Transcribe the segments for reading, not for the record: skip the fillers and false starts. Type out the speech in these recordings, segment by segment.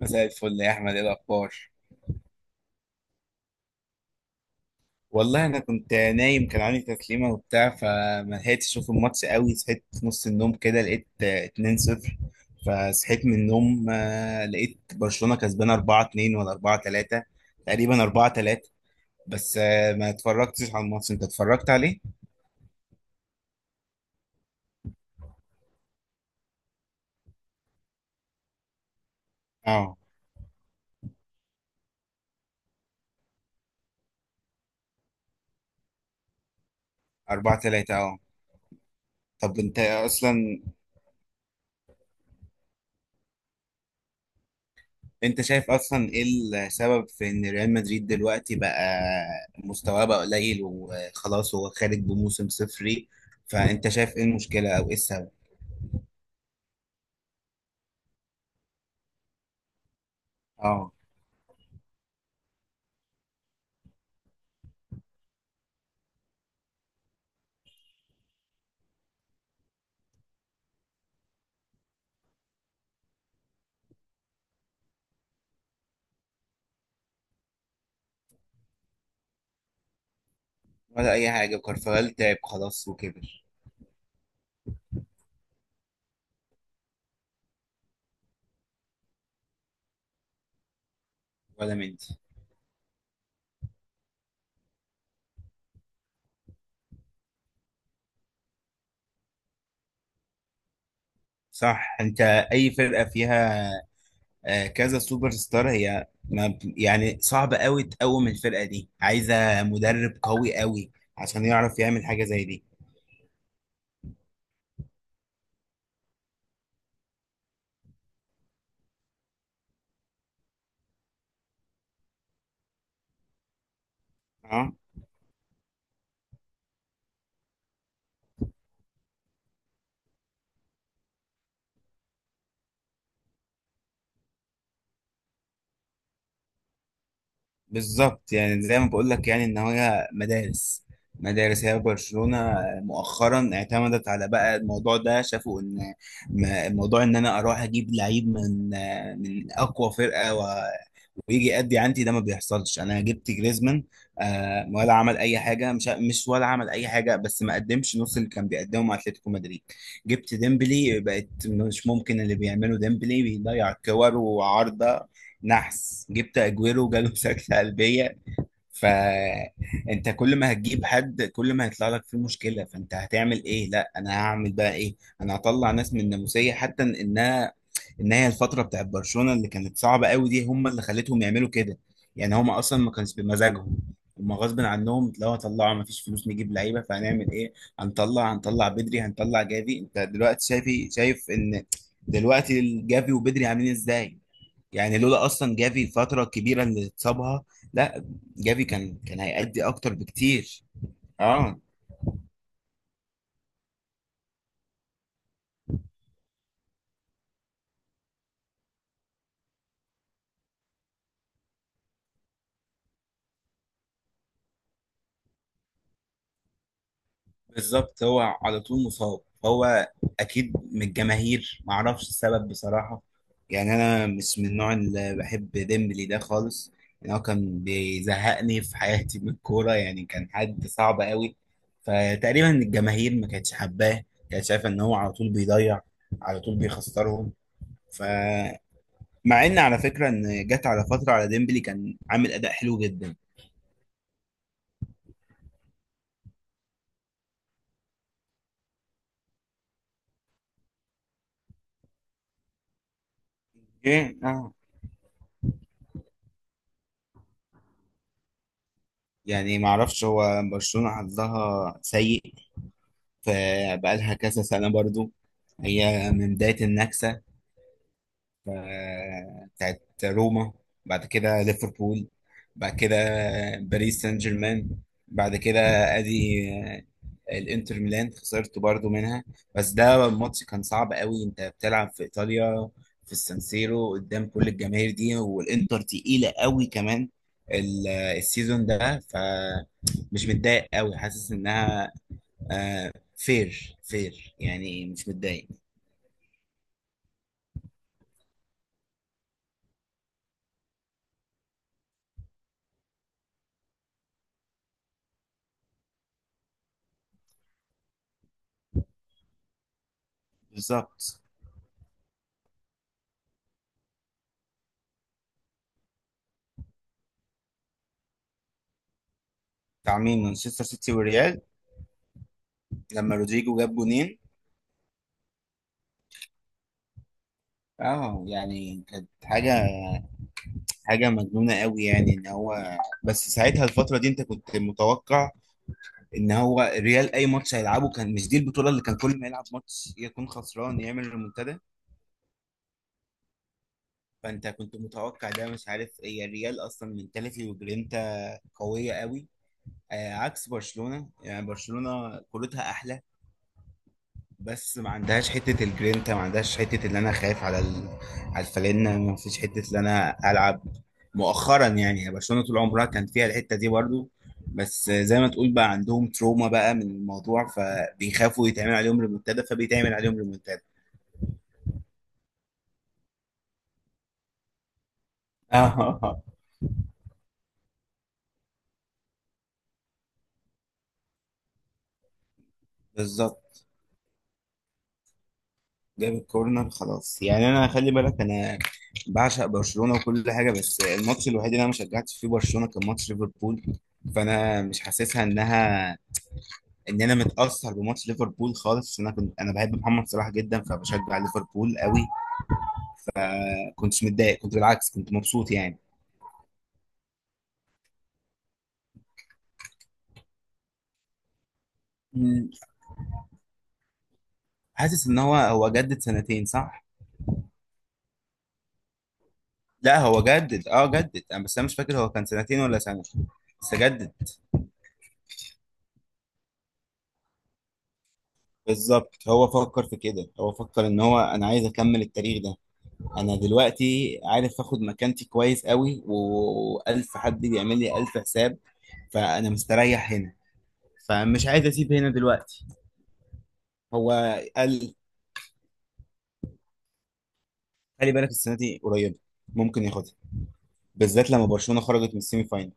مساء الفل يا احمد، ايه الاخبار؟ والله انا كنت نايم، كان عندي تسليمه وبتاع، فما لحقتش اشوف الماتش قوي. صحيت في نص النوم كده لقيت 2-0. فصحيت من النوم لقيت برشلونه كسبانه 4-2 ولا 4-3، تقريبا 4-3. بس ما اتفرجتش على الماتش، انت اتفرجت عليه؟ اه، 4-3. اه، طب انت اصلا، انت شايف اصلا ايه السبب في ان ريال مدريد دلوقتي بقى مستواه بقى قليل وخلاص، هو خارج بموسم صفري؟ فانت شايف ايه المشكلة او ايه السبب؟ اه، ولا اي حاجة. كارفاغال تعب خلاص وكبر، ولا مندي. صح. انت اي فرقة فيها كذا سوبر ستار هي ما ب- يعني صعب قوي تقوم. الفرقة دي عايزة مدرب قوي قوي عشان يعرف يعمل حاجة زي دي. اه، بالظبط. يعني زي ما بقول لك، يعني ان هي مدارس، مدارس. هي برشلونة مؤخرا اعتمدت على بقى الموضوع ده. شافوا ان موضوع ان انا اروح اجيب لعيب من من اقوى فرقة ويجي يأدي عندي، ده ما بيحصلش. انا جبت جريزمان، ولا عمل اي حاجه. مش ولا عمل اي حاجه، بس ما قدمش نص اللي كان بيقدمه مع اتلتيكو مدريد. جبت ديمبلي، بقت مش ممكن اللي بيعمله ديمبلي، بيضيع كور وعارضه. نحس. جبت اجويرو، جاله سكتة قلبية. فانت كل ما هتجيب حد، كل ما هيطلع لك فيه مشكله. فانت هتعمل ايه؟ لا، انا هعمل بقى ايه؟ انا هطلع ناس من الناموسيه. حتى انها ان هي الفتره بتاعت برشلونه اللي كانت صعبه قوي دي هم اللي خلتهم يعملوا كده. يعني هم اصلا ما كانش بمزاجهم، هم غصب عنهم. لو هطلعوا، ما فيش فلوس نجيب لعيبه، فهنعمل ايه؟ هنطلع بدري، هنطلع جافي. انت دلوقتي شايف، شايف ان دلوقتي الجافي وبدري عاملين ازاي؟ يعني لولا اصلا جافي الفتره الكبيره اللي اتصابها، لا، جافي كان هيأدي اكتر بكتير. اه، بالظبط. هو على طول مصاب، هو اكيد من الجماهير، معرفش السبب بصراحه. يعني انا مش من النوع اللي بحب ديمبلي ده خالص، يعني هو كان بيزهقني في حياتي من الكوره، يعني كان حد صعب قوي. فتقريبا الجماهير ما كانتش حباه، كانت شايفه ان هو على طول بيضيع، على طول بيخسرهم. ف، مع ان على فكره ان جت على فتره على ديمبلي كان عامل اداء حلو جدا. ايه، اه. يعني ما اعرفش هو برشلونه حظها سيء، فبقالها كذا سنه برضو. هي من بدايه النكسه بتاعت روما، بعد كده ليفربول، بعد كده باريس سان جيرمان، بعد كده ادي الانتر ميلان، خسرت برضو منها. بس ده الماتش كان صعب قوي، انت بتلعب في ايطاليا، في السانسيرو، قدام كل الجماهير دي، والانتر تقيلة قوي كمان السيزون ده. فمش متضايق قوي، حاسس انها فير، فير، يعني مش متضايق. بالظبط. تعميم مانشستر سيتي والريال لما رودريجو جاب جونين؟ اه، يعني كانت حاجة، حاجة مجنونة قوي، يعني ان هو. بس ساعتها الفترة دي انت كنت متوقع ان هو الريال اي ماتش هيلعبه، كان مش دي البطولة اللي كان كل ما يلعب ماتش يكون خسران يعمل ريمونتادا. فانت كنت متوقع ده. مش عارف، هي الريال اصلا منتاليتي وجرينتا قوية قوي، آه، عكس برشلونة. يعني برشلونة كورتها احلى، بس ما عندهاش حته الجرينتا، ما عندهاش حته اللي انا خايف على ال، على الفالنه، ما فيش حته اللي انا العب مؤخرا. يعني برشلونه طول عمرها كان فيها الحته دي برضو، بس زي ما تقول، بقى عندهم تروما بقى من الموضوع، فبيخافوا يتعمل عليهم ريمونتادا، فبيتعمل عليهم ريمونتادا. اه بالظبط. جاب الكورنر خلاص. يعني انا خلي بالك، انا بعشق برشلونه وكل حاجه، بس الماتش الوحيد اللي انا ما شجعتش فيه برشلونه كان ماتش ليفربول. فانا مش حاسسها انها، ان انا متاثر بماتش ليفربول خالص، إن انا كنت، انا بحب محمد صلاح جدا، فبشجع ليفربول قوي. كنتش متضايق، كنت بالعكس كنت مبسوط يعني. مم، حاسس ان هو، جدد سنتين، صح؟ لا، هو جدد، اه جدد، أنا بس انا مش فاكر هو كان سنتين ولا سنه، بس جدد. بالظبط. هو فكر في كده، هو فكر ان هو، انا عايز اكمل التاريخ ده. انا دلوقتي عارف اخد مكانتي كويس قوي، والف حد بيعمل لي الف حساب، فانا مستريح هنا، فمش عايز اسيب هنا دلوقتي. هو قال، خلي بالك السنه دي قريبه، ممكن ياخدها، بالذات لما برشلونه خرجت من السيمي فاينل.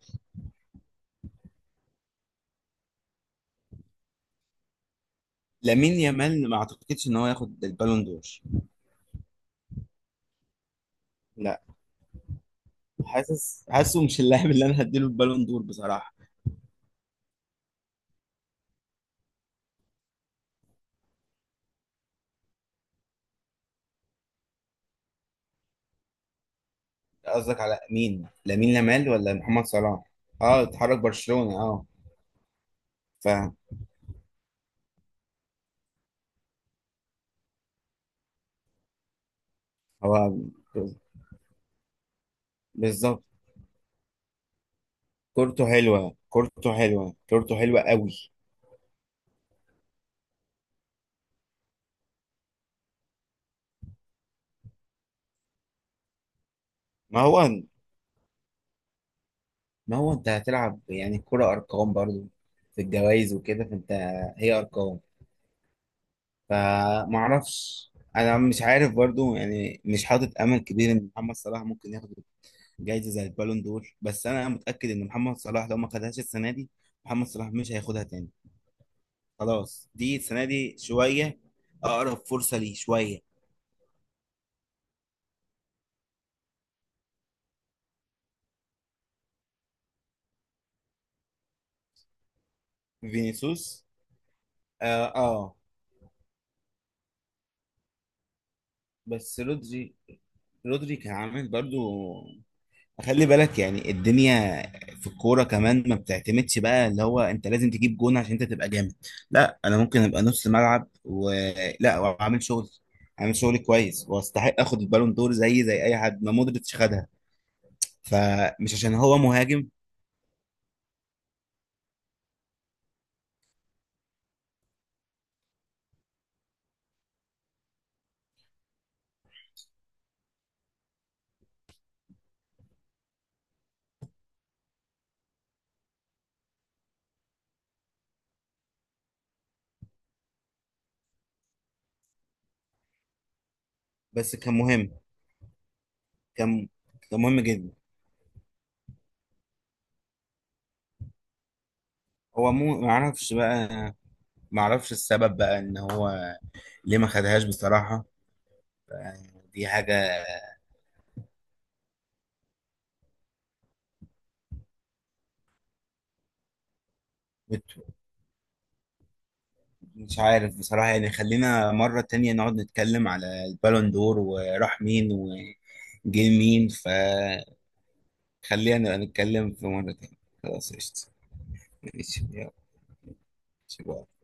لامين يامال ما اعتقدش ان هو ياخد البالون دور. لا، حاسه مش اللاعب اللي انا هديله البالون دور بصراحه. قصدك على مين، لامين يامال ولا محمد صلاح؟ اه، اتحرك برشلونه اه. فهو، ب- بالظبط، كورته حلوه، كورته حلوه قوي. ما هو ما هو انت هتلعب يعني الكرة ارقام برضو، في الجوائز وكده، فانت، هي ارقام. فمعرفش، انا مش عارف برضو، يعني مش حاطط امل كبير ان محمد صلاح ممكن ياخد جايزه زي البالون دور، بس انا متاكد ان محمد صلاح لو ما خدهاش السنه دي، محمد صلاح مش هياخدها تاني. خلاص دي السنه دي شويه، اقرب فرصه ليه شويه. فينيسيوس. اه، بس رودري، رودري كان عامل برضو. خلي بالك يعني الدنيا في الكورة كمان ما بتعتمدش بقى اللي هو انت لازم تجيب جون عشان انت تبقى جامد. لا، انا ممكن ابقى نص ملعب ولا واعمل شغل، اعمل شغل كويس، واستحق اخد البالون دور زي، زي اي حد، ما مودريتش خدها. فمش عشان هو مهاجم. بس كان مهم. كان كان مهم جدا. هو ما اعرفش بقى، ما اعرفش السبب بقى ان هو ليه ما خدهاش بصراحة. يعني دي حاجة. مش عارف بصراحة. يعني خلينا مرة تانية نقعد نتكلم على البالون دور وراح مين وجه مين، فخلينا نبقى نتكلم في مرة تانية. خلاص، قشطة. ماشي، يلا. باي.